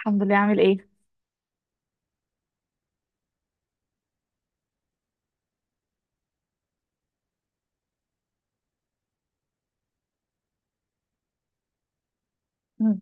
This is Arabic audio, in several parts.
الحمد لله. عامل ايه؟ امم.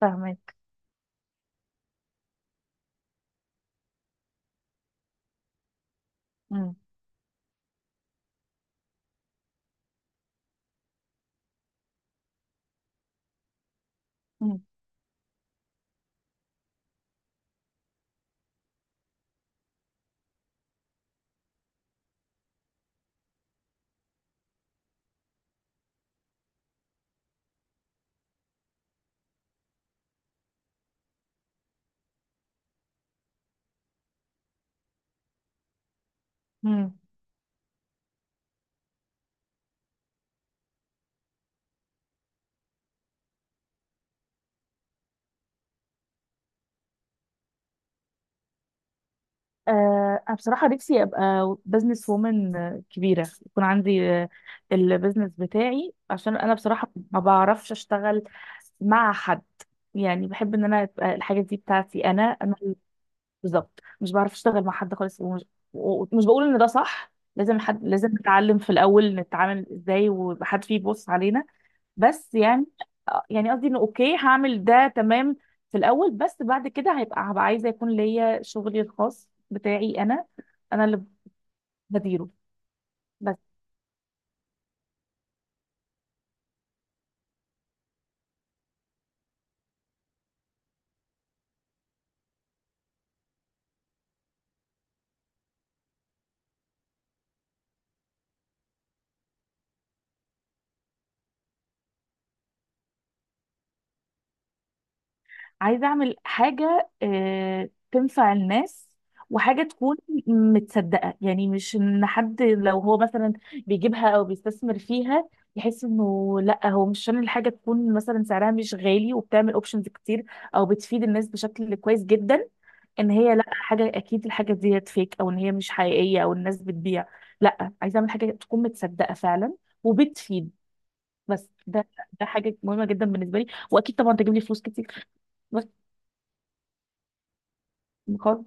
فاهمك. مم. مم. مم. انا بصراحه نفسي ابقى بزنس وومن كبيره، يكون عندي البزنس بتاعي، عشان انا بصراحه ما بعرفش اشتغل مع حد. يعني بحب ان انا تبقى الحاجه دي بتاعتي انا، بالظبط. مش بعرف اشتغل مع حد خالص، ومش بقول ان ده صح، لازم حد، لازم نتعلم في الاول نتعامل ازاي ويبقى حد فيه يبص علينا. بس يعني يعني قصدي انه اوكي، هعمل ده تمام في الاول، بس بعد كده هبقى عايزه يكون ليا شغلي الخاص بتاعي انا اللي بديره. بس عايزة أعمل حاجة تنفع الناس، وحاجة تكون متصدقة، يعني مش إن حد لو هو مثلا بيجيبها أو بيستثمر فيها يحس إنه لأ، هو مش عشان الحاجة تكون مثلا سعرها مش غالي وبتعمل أوبشنز كتير أو بتفيد الناس بشكل كويس جدا إن هي لأ حاجة، أكيد الحاجة دي فيك، أو إن هي مش حقيقية أو الناس بتبيع. لأ، عايزة أعمل حاجة تكون متصدقة فعلا وبتفيد. بس ده حاجة مهمة جدا بالنسبة لي، وأكيد طبعا تجيب لي فلوس كتير. بجد.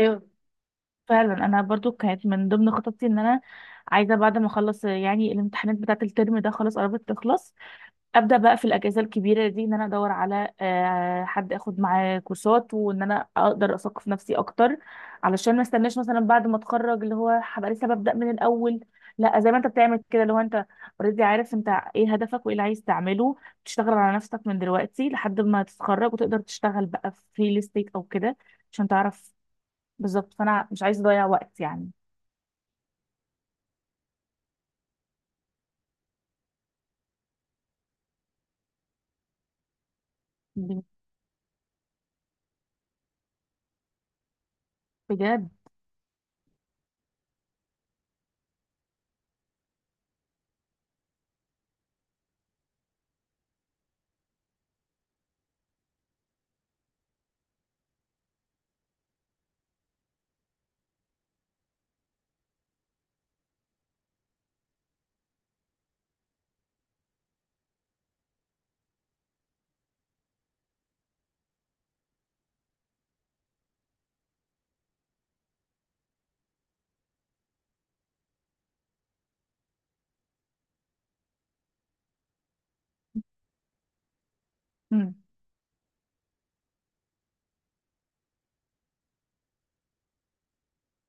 ايوه فعلا. انا برضو كانت من ضمن خططي ان انا عايزه بعد ما اخلص يعني الامتحانات بتاعه الترم ده، خلاص قربت تخلص، ابدا بقى في الاجازه الكبيره دي ان انا ادور على حد اخد معاه كورسات، وان انا اقدر اثقف نفسي اكتر. علشان ما استناش مثلا بعد ما اتخرج اللي هو هبقى لسه ببدا من الاول. لا، زي ما انت بتعمل كده، اللي هو انت اوريدي عارف انت ايه هدفك وايه اللي عايز تعمله، تشتغل على نفسك من دلوقتي لحد ما تتخرج وتقدر تشتغل بقى في ريل استيت او كده، عشان تعرف بالظبط. فانا مش عايزه اضيع وقت يعني. بجد. امم.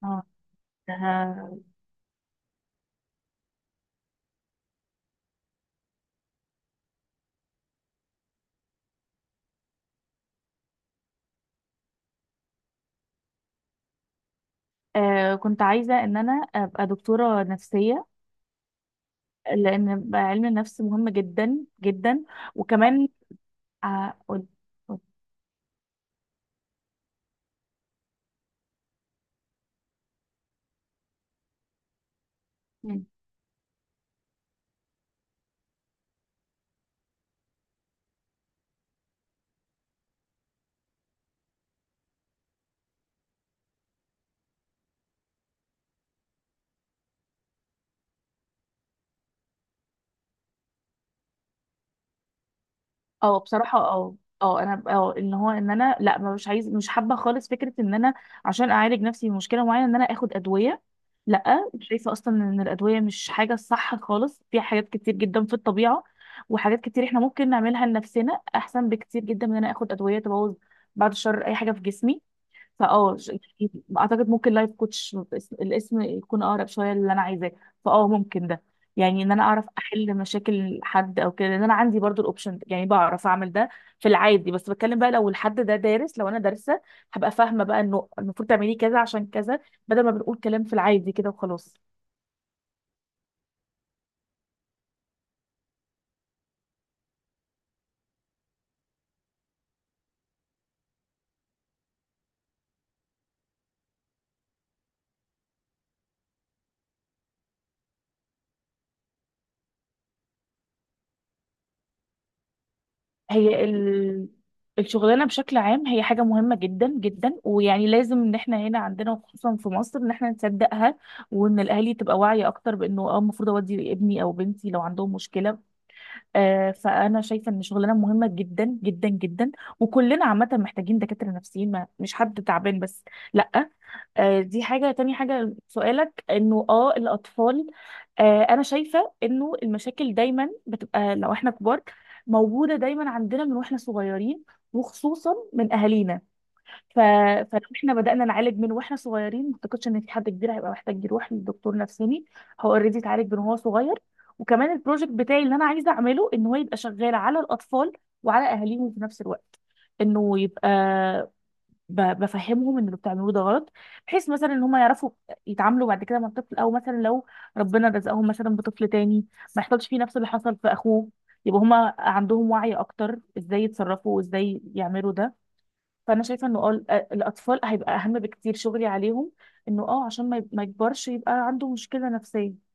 اه. آه. كنت عايزه ان انا ابقى دكتوره نفسيه، لان علم النفس مهم جدا جدا. وكمان آه قولي- قولي. اه بصراحة، اه انا ان انا لا، مش عايز، مش حابة خالص فكرة ان انا عشان اعالج نفسي من مشكلة معينة ان انا اخد ادوية. لا، شايفة اصلا ان الادوية مش حاجة صح خالص، في حاجات كتير جدا في الطبيعة، وحاجات كتير احنا ممكن نعملها لنفسنا احسن بكتير جدا من ان انا اخد ادوية تبوظ، بعد الشر، اي حاجة في جسمي. فاه ش- اعتقد ممكن لايف كوتش الاسم يكون اقرب شويه للي انا عايزاه. ممكن ده، يعني ان انا اعرف احل مشاكل حد او كده، لان انا عندي برضو الاوبشن ده، يعني بعرف اعمل ده في العادي. بس بتكلم بقى لو الحد ده دارس، لو انا دارسه هبقى فاهمه بقى انه المفروض تعملي كذا عشان كذا، بدل ما بنقول كلام في العادي كده وخلاص. هي ال... الشغلانه بشكل عام هي حاجه مهمه جدا جدا، ويعني لازم ان احنا هنا عندنا وخصوصا في مصر ان احنا نصدقها، وان الاهالي تبقى واعيه اكتر، بانه المفروض اودي ابني او بنتي لو عندهم مشكله. فانا شايفه ان شغلانه مهمه جدا جدا جدا، وكلنا عامه محتاجين دكاتره نفسيين، ما مش حد تعبان بس. لا. دي حاجه تاني. حاجه سؤالك انه الاطفال. انا شايفه انه المشاكل دايما بتبقى لو احنا كبار موجوده دايما عندنا من واحنا صغيرين، وخصوصا من اهالينا. ف... فلو احنا بدأنا نعالج من واحنا صغيرين، ما اعتقدش ان في حد كبير هيبقى محتاج يروح لدكتور نفساني. هو اوريدي اتعالج من وهو صغير. وكمان البروجكت بتاعي اللي انا عايزه اعمله ان هو يبقى شغال على الاطفال وعلى اهاليهم في نفس الوقت، انه يبقى بفهمهم ان اللي بتعملوه ده غلط، بحيث مثلا ان هم يعرفوا يتعاملوا بعد كده مع الطفل، او مثلا لو ربنا رزقهم مثلا بطفل تاني ما يحصلش فيه نفس اللي حصل في اخوه، يبقى هما عندهم وعي اكتر ازاي يتصرفوا وازاي يعملوا ده. فانا شايفه انه الاطفال هيبقى اهم بكتير، شغلي عليهم، انه عشان ما يكبرش يبقى عنده مشكله نفسيه.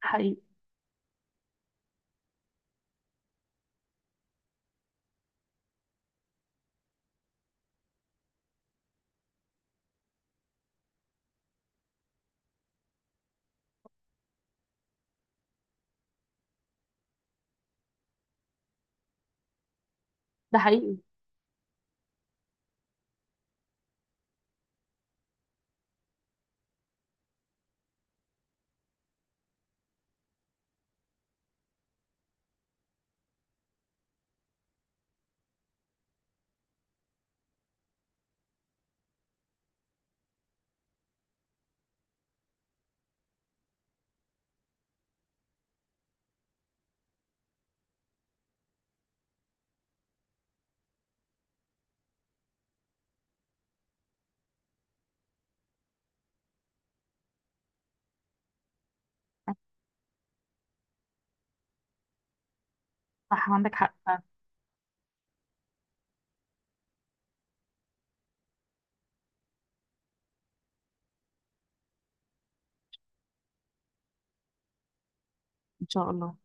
حقيقي. ده حقيقي. صح، عندك حق فعلا. ان شاء الله.